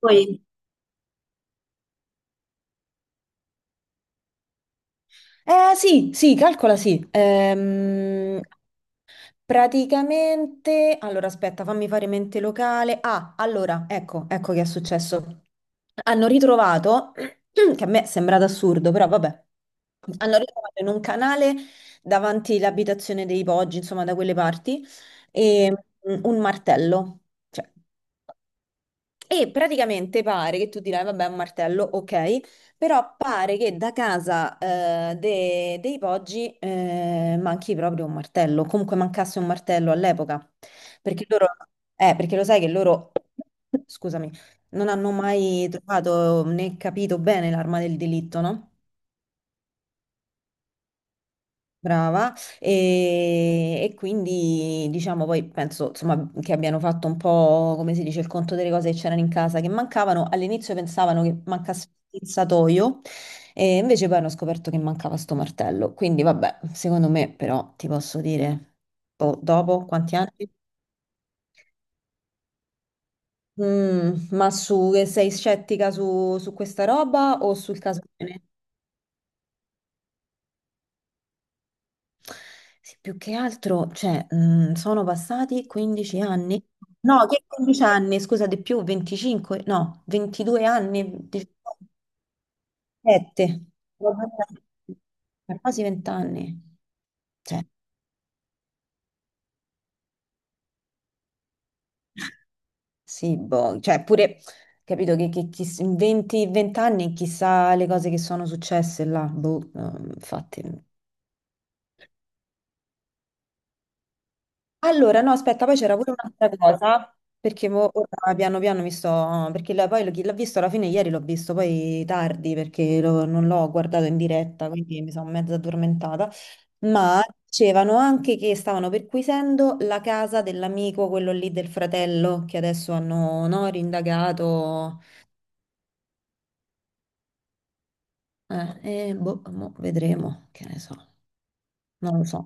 Poi, eh, sì, sì, calcola, sì. Praticamente, allora aspetta, fammi fare mente locale. Ah, allora, ecco, ecco che è successo. Hanno ritrovato, che a me è sembrato assurdo, però vabbè, hanno ritrovato in un canale davanti l'abitazione dei Poggi, insomma, da quelle parti, e, un martello. Cioè, e praticamente pare che tu dirai, vabbè, è un martello, ok, però pare che da casa dei Poggi manchi proprio un martello, comunque mancasse un martello all'epoca, perché loro, perché lo sai che loro, scusami, non hanno mai trovato né capito bene l'arma del delitto, no? Brava, e quindi diciamo poi penso insomma che abbiano fatto un po' come si dice il conto delle cose che c'erano in casa che mancavano. All'inizio pensavano che mancasse il satoio e invece poi hanno scoperto che mancava sto martello. Quindi vabbè, secondo me però ti posso dire, boh, dopo quanti anni? Ma su, sei scettica su questa roba o sul caso? Sì, più che altro, cioè, sono passati 15 anni. No, che 15 anni, scusa, di più, 25, no, 22 anni, 17, quasi 20 anni. Cioè, sì, boh, cioè, pure, capito che in 20, 20 anni chissà le cose che sono successe là, boh, no, infatti. Allora, no, aspetta, poi c'era pure un'altra cosa, perché ora piano piano mi sto. Perché poi chi l'ha visto alla fine ieri l'ho visto poi tardi, perché non l'ho guardato in diretta, quindi mi sono mezza addormentata, ma dicevano anche che stavano perquisendo la casa dell'amico, quello lì del fratello, che adesso hanno, no, rindagato. E boh, mo vedremo, che ne so, non lo so.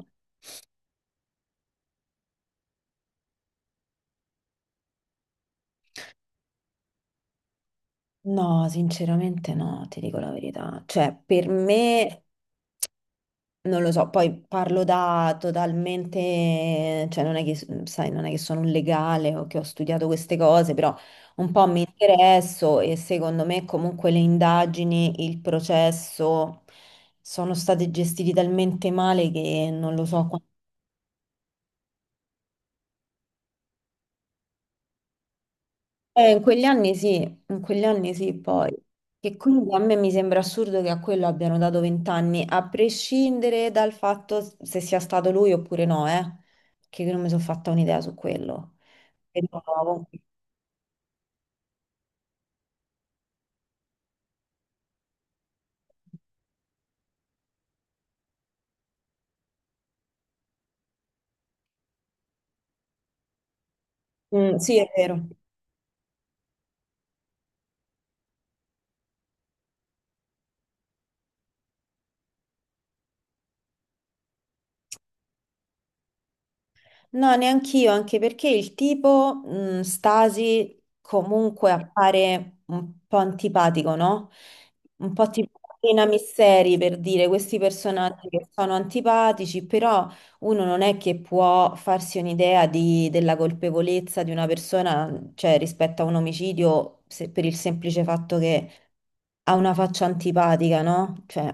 No, sinceramente no, ti dico la verità. Cioè, per me. Non lo so, poi parlo da totalmente, cioè non è che, sai, non è che sono un legale o che ho studiato queste cose, però un po' mi interesso e secondo me comunque le indagini, il processo sono stati gestiti talmente male che non lo so. In quegli anni sì, in quegli anni sì, poi. Che quindi a me mi sembra assurdo che a quello abbiano dato 20 anni, a prescindere dal fatto se sia stato lui oppure no, che non mi sono fatta un'idea su quello. È nuovo. Mm, sì, è vero. No, neanch'io, anche perché il tipo Stasi comunque appare un po' antipatico, no? Un po' tipo Marina Misteri per dire questi personaggi che sono antipatici, però uno non è che può farsi un'idea della colpevolezza di una persona, cioè rispetto a un omicidio, per il semplice fatto che ha una faccia antipatica, no? Cioè,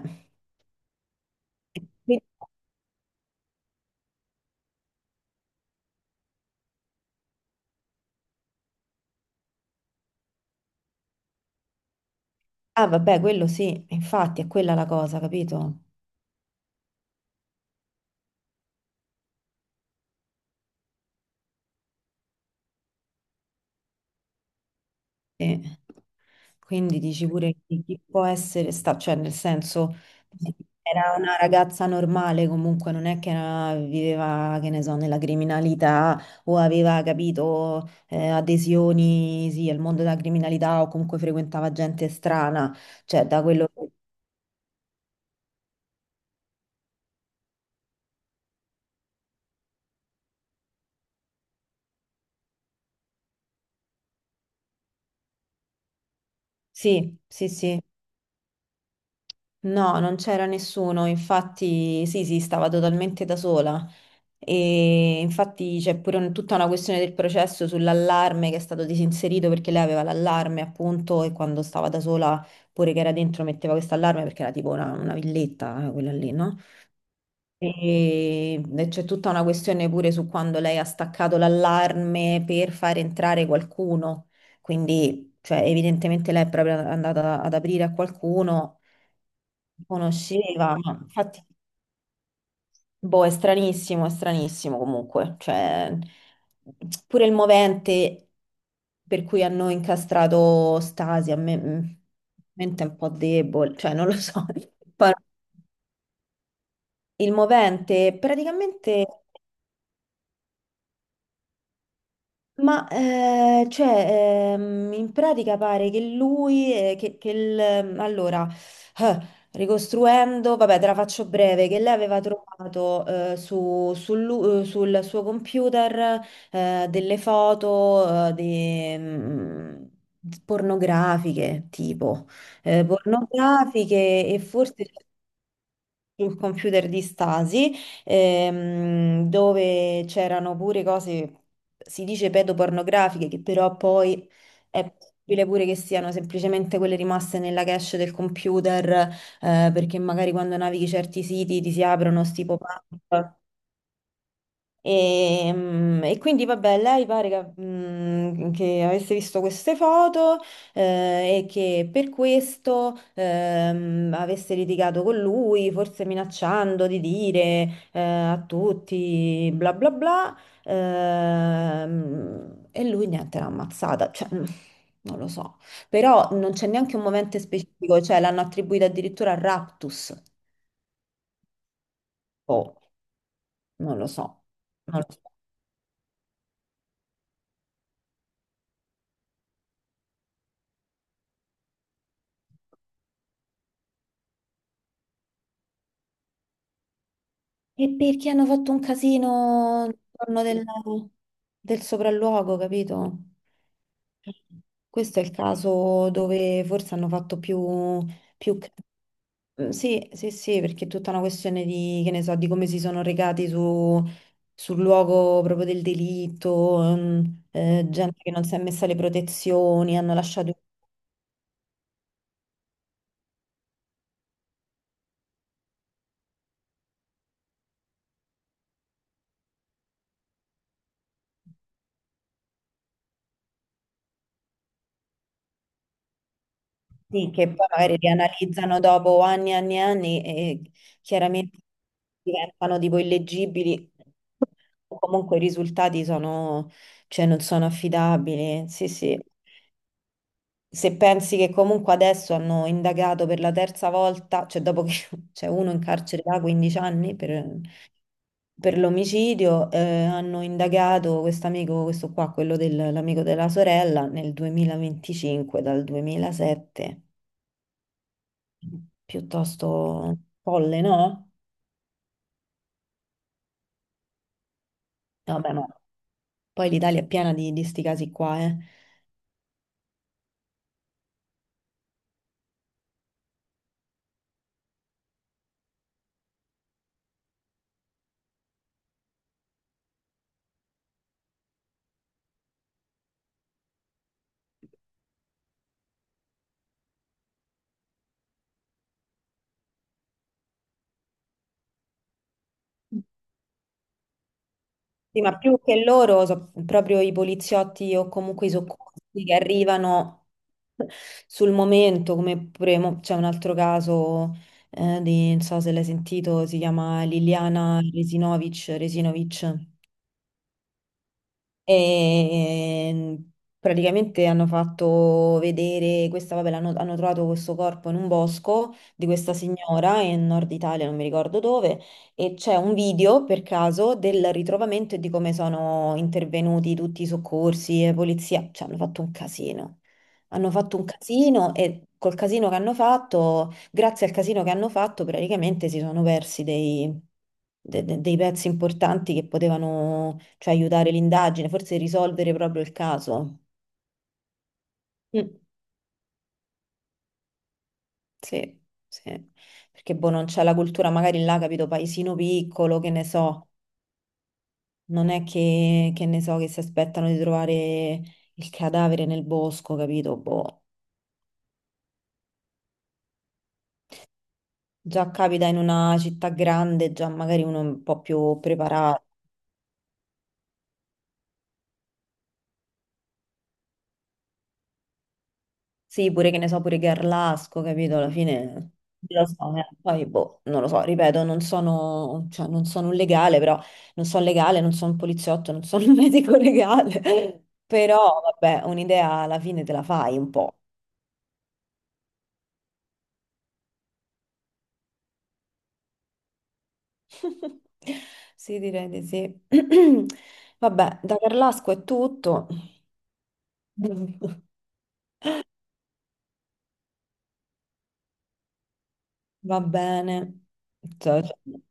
ah, vabbè, quello sì, infatti è quella la cosa, capito? Sì. Quindi dici pure chi può essere sta, cioè nel senso era una ragazza normale, comunque non è che viveva, che ne so, nella criminalità o aveva, capito, adesioni, sì, al mondo della criminalità o comunque frequentava gente strana, cioè da quello. Sì, sì, sì. No, non c'era nessuno, infatti sì, sì, stava totalmente da sola. E infatti c'è pure tutta una questione del processo sull'allarme che è stato disinserito perché lei aveva l'allarme appunto e quando stava da sola pure che era dentro metteva questo allarme perché era tipo una villetta quella lì, no? E c'è tutta una questione pure su quando lei ha staccato l'allarme per far entrare qualcuno, quindi cioè, evidentemente lei è proprio andata ad aprire a qualcuno, conosceva, ma infatti boh, è stranissimo comunque, cioè pure il movente per cui hanno incastrato Stasi, a me mente è un po' debole, cioè non lo so. Poi, il movente praticamente. Ma cioè, in pratica pare che lui, che il, allora, eh, ricostruendo, vabbè, te la faccio breve, che lei aveva trovato sul suo computer delle foto di, pornografiche, tipo, pornografiche e forse sul computer di Stasi, dove c'erano pure cose, si dice pedopornografiche, che però poi è possibile pure che siano semplicemente quelle rimaste nella cache del computer, perché magari quando navighi certi siti ti si aprono sti pop-up. E quindi vabbè, lei pare che avesse visto queste foto e che per questo avesse litigato con lui, forse minacciando di dire a tutti bla bla bla. E lui niente, l'ha ammazzata. Cioè, non lo so. Però non c'è neanche un momento specifico, cioè l'hanno attribuita addirittura a raptus. Oh, non lo so. Non lo so. E perché hanno fatto un casino intorno del, sì, del sopralluogo, capito? Questo è il caso dove forse hanno fatto più, più. Mm, sì, sì, sì, perché è tutta una questione di, che ne so, di come si sono recati sul luogo proprio del delitto, gente che non si è messa le protezioni, hanno lasciato. Sì, che poi magari li analizzano dopo anni e anni e anni e chiaramente diventano tipo illeggibili o comunque i risultati sono, cioè, non sono affidabili. Sì, sì. Se pensi che comunque adesso hanno indagato per la terza volta, cioè dopo che c'è uno in carcere da 15 anni per l'omicidio, hanno indagato questo amico, questo qua, quello dell'amico della sorella, nel 2025, dal 2007 piuttosto folle, no? Vabbè, ma poi l'Italia è piena di sti casi qua, eh. Sì, ma più che loro, proprio i poliziotti o comunque i soccorsi che arrivano sul momento, come pure c'è un altro caso di, non so se l'hai sentito, si chiama Liliana Resinovic, Resinovic. E praticamente hanno fatto vedere questa, vabbè, hanno trovato questo corpo in un bosco di questa signora in Nord Italia, non mi ricordo dove, e c'è un video per caso del ritrovamento e di come sono intervenuti tutti i soccorsi e polizia, cioè hanno fatto un casino. Hanno fatto un casino e col casino che hanno fatto, grazie al casino che hanno fatto, praticamente si sono persi dei, dei pezzi importanti che potevano, cioè, aiutare l'indagine, forse risolvere proprio il caso. Mm, sì, sì. Perché boh, non c'è la cultura, magari là, capito, paesino piccolo, che ne so. Non è che ne so, che si aspettano di trovare il cadavere nel bosco, capito? Boh. Già capita in una città grande, già magari uno è un po' più preparato. Sì, pure che ne so, pure Garlasco, capito? Alla fine lo so, eh. Poi boh, non lo so, ripeto, non sono, cioè, non sono un legale, però non sono legale, non sono un poliziotto, non sono un medico legale. Però vabbè, un'idea alla fine te la fai un po'. Sì, direi di sì. Vabbè, da Garlasco è tutto. Va bene. Ciao, ciao.